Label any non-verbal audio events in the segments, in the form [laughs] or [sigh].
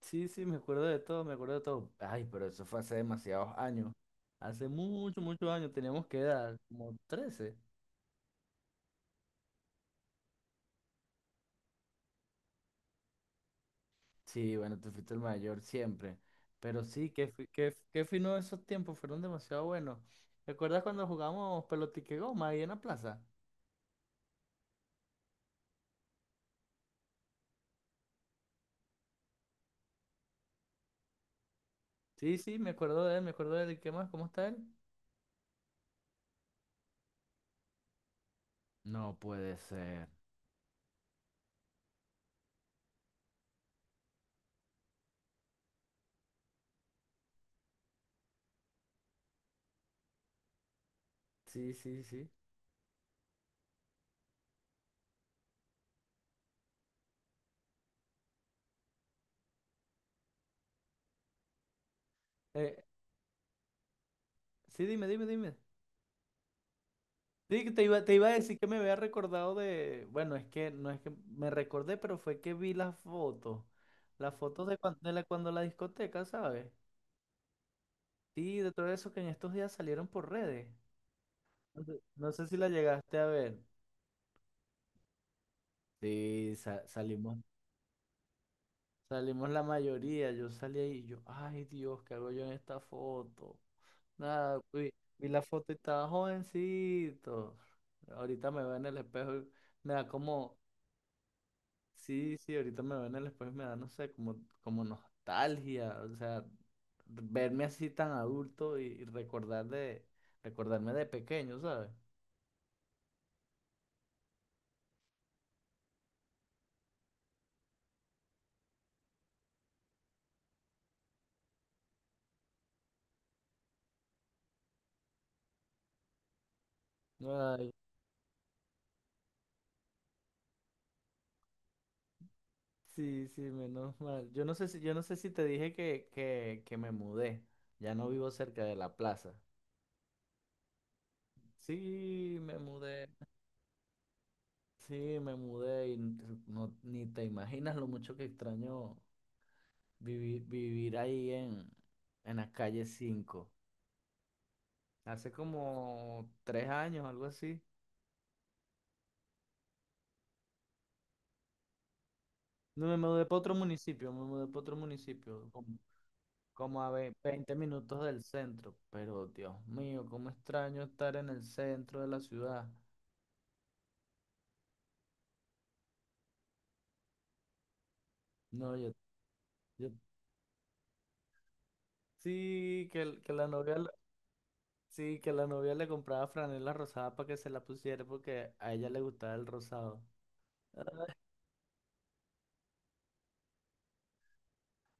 Sí, sí, me acuerdo de todo, me acuerdo de todo. Ay, pero eso fue hace demasiados años. Hace muchos, muchos años teníamos que edad, como 13. Sí, bueno, tú fuiste el mayor siempre. Pero sí, qué fino esos tiempos, fueron demasiado buenos. ¿Recuerdas cuando jugamos pelotique goma ahí en la plaza? Sí, sí, me acuerdo de él, me acuerdo de él. ¿Qué más? ¿Cómo está él? No puede ser. Sí, sí, sí. Eh, sí, dime, dime, dime. Sí, que te iba a decir que me había recordado de, bueno, es que no es que me recordé, pero fue que vi las fotos de cuando, cuando la discoteca, ¿sabes? Sí, de todo eso que en estos días salieron por redes. No sé si la llegaste a ver. Sí, salimos la mayoría, yo salí ahí y yo, ay Dios, ¿qué hago yo en esta foto? Nada, vi la foto y estaba jovencito. Ahorita me veo en el espejo y me da como... Sí, sí, ahorita me ven, el después me da, no sé, como, nostalgia, o sea, verme así tan adulto y recordarme de pequeño, ¿sabes? Ay, sí, sí, menos mal. Yo no sé si te dije que me mudé, ya no vivo cerca de la plaza. Sí, me mudé, sí, me mudé. No, ni te imaginas lo mucho que extraño vivir, ahí en la calle 5. Hace como 3 años, algo así. No, me mudé para otro municipio, me mudé para otro municipio, como, como a veinte minutos del centro. Pero Dios mío, cómo extraño estar en el centro de la ciudad. No, yo sí que, que la novia, sí, que la novia le compraba franela rosada para que se la pusiera porque a ella le gustaba el rosado.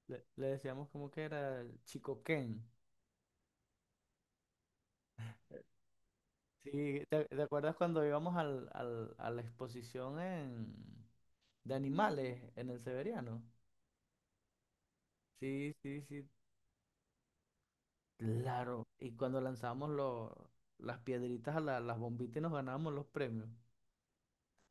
Le decíamos como que era el Chico Ken. Sí, ¿te acuerdas cuando íbamos a la exposición en, de animales en el Severiano? Sí, sí, sí. Claro. Y cuando lanzábamos los, las piedritas a las bombitas y nos ganábamos los premios.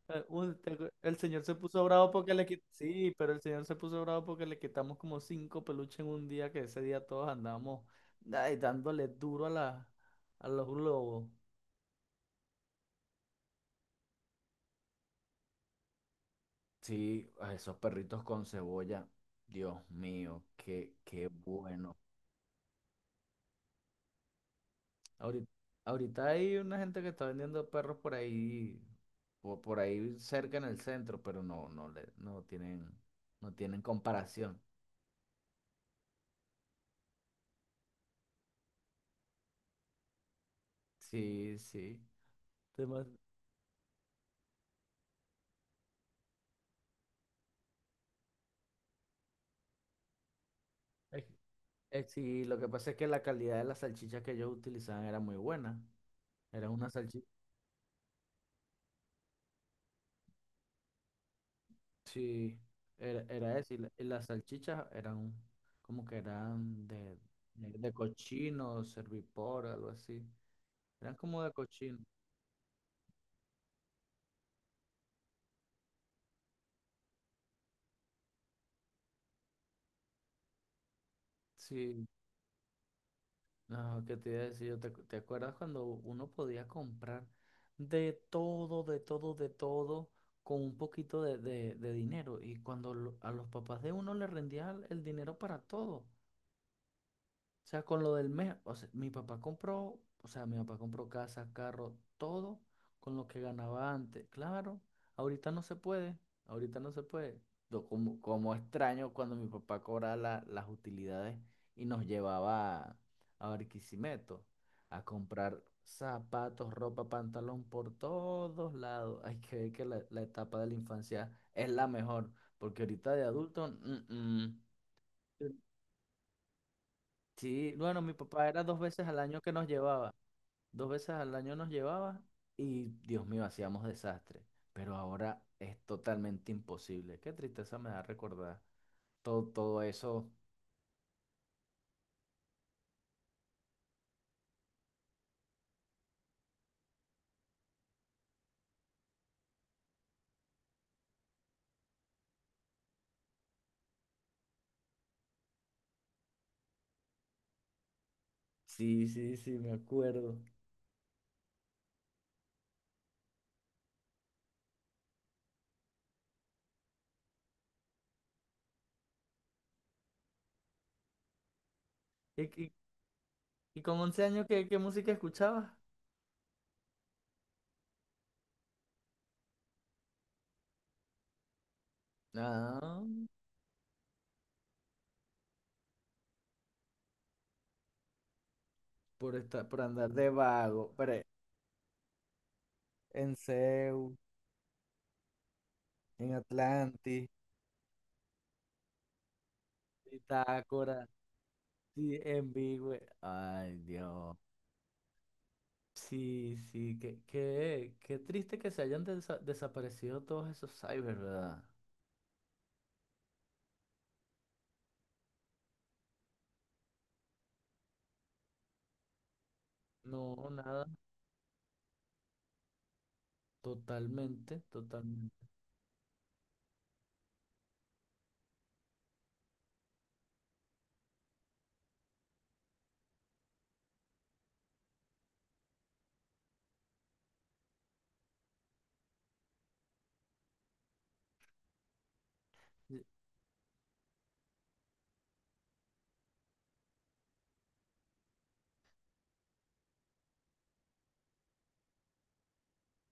El señor se puso bravo porque le quitamos. Sí, pero el señor se puso bravo porque le quitamos como cinco peluches en un día, que ese día todos andábamos ay, dándole duro a la, a los globos. Sí, a esos perritos con cebolla. Dios mío, qué bueno. Ahorita, ahorita hay una gente que está vendiendo perros por ahí por ahí cerca en el centro, pero no tienen comparación. Sí, sí. Temas- eh, sí, lo que pasa es que la calidad de las salchichas que ellos utilizaban era muy buena. Era una salchicha, sí, era eso. Y las salchichas eran como que eran de, de cochino, servipor, algo así. Eran como de cochino. Sí, no, ¿qué te iba a decir? ¿Te acuerdas cuando uno podía comprar de todo, de todo, de todo con un poquito de dinero? Y cuando a los papás de uno le rendía el dinero para todo. O sea, con lo del mes, o sea, mi papá compró, o sea, mi papá compró casa, carro, todo con lo que ganaba antes. Claro, ahorita no se puede, ahorita no se puede. Yo como extraño cuando mi papá cobraba las utilidades y nos llevaba a Barquisimeto a comprar zapatos, ropa, pantalón por todos lados. Hay que ver que la etapa de la infancia es la mejor, porque ahorita de adulto, mm, mm. Sí, bueno, mi papá era dos veces al año que nos llevaba. Dos veces al año nos llevaba y, Dios mío, hacíamos desastre. Pero ahora es totalmente imposible. Qué tristeza me da recordar todo, todo eso. Sí, sí, sí, me acuerdo. ¿Y, y- y con 11 años qué música escuchabas? Ah, por estar, por andar de vago. Pero en Seu, en Atlantis, Bitácora, sí, en Bigwe. Ay, Dios. Sí, sí, qué triste que se hayan desaparecido todos esos cyber, ¿verdad? No, nada, totalmente, totalmente. Sí,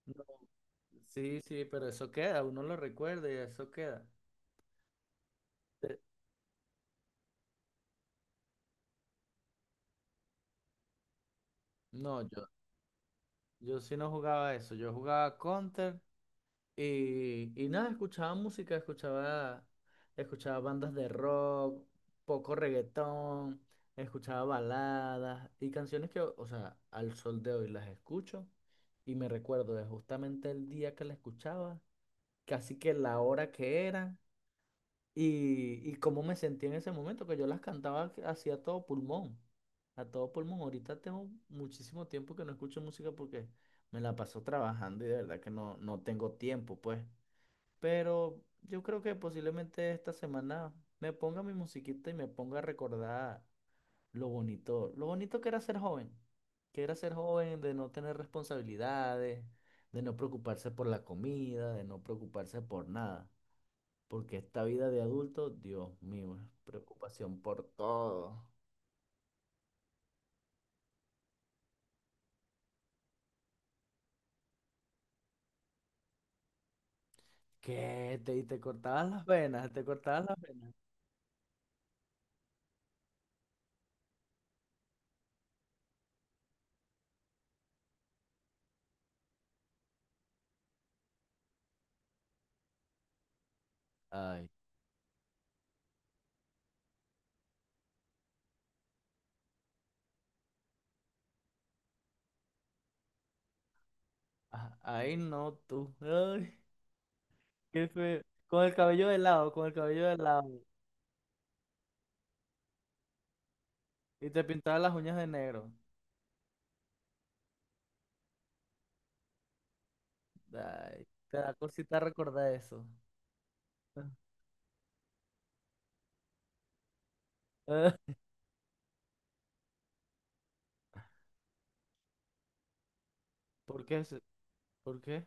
no, sí, sí, pero eso queda, uno lo recuerda y eso queda. Eh, No, yo sí no jugaba eso, yo jugaba Counter. Y nada, escuchaba música, escuchaba bandas de rock, poco reggaetón, escuchaba baladas y canciones que, o sea, al sol de hoy las escucho y me recuerdo de justamente el día que la escuchaba, casi que la hora que era y cómo me sentí en ese momento, que yo las cantaba hacia todo pulmón, a todo pulmón. Ahorita tengo muchísimo tiempo que no escucho música porque me la paso trabajando y de verdad que no tengo tiempo, pues. Pero yo creo que posiblemente esta semana me ponga mi musiquita y me ponga a recordar lo bonito que era ser joven, que era ser joven, de no tener responsabilidades, de no preocuparse por la comida, de no preocuparse por nada. Porque esta vida de adulto, Dios mío, es preocupación por todo. ¿Qué? Te cortabas las venas, te cortabas las venas. Ay, ah, ay, no tú. Ay, qué feo. Con el cabello de lado, con el cabello de lado. Y te pintaba las uñas de negro. Ay, te da cosita recordar eso. [laughs] ¿Por qué? ¿Por qué?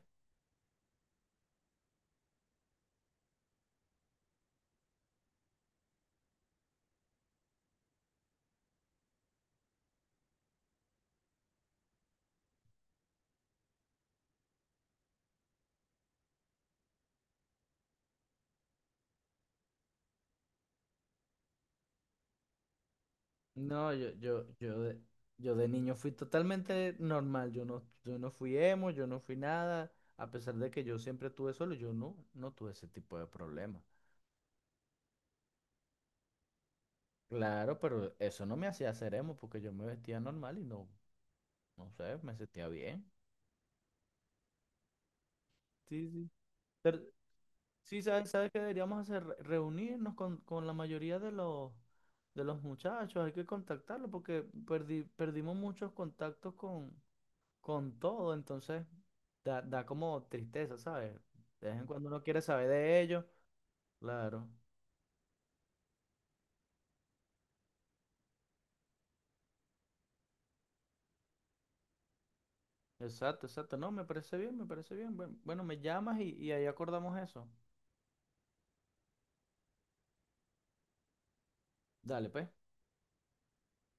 No, yo de niño fui totalmente normal. Yo no, yo no fui emo, yo no fui nada. A pesar de que yo siempre tuve solo, yo no tuve ese tipo de problemas. Claro, pero eso no me hacía ser emo porque yo me vestía normal y no sé, me sentía bien. Sí, sí. Pero, Sí, ¿sabes qué deberíamos hacer? Reunirnos con, la mayoría de los muchachos, hay que contactarlos porque perdimos muchos contactos con todo, entonces da como tristeza, ¿sabes? De vez en cuando uno quiere saber de ellos. Claro, exacto, exacto. No, me parece bien, me parece bien. Bueno, me llamas y ahí acordamos eso. Dale, pues.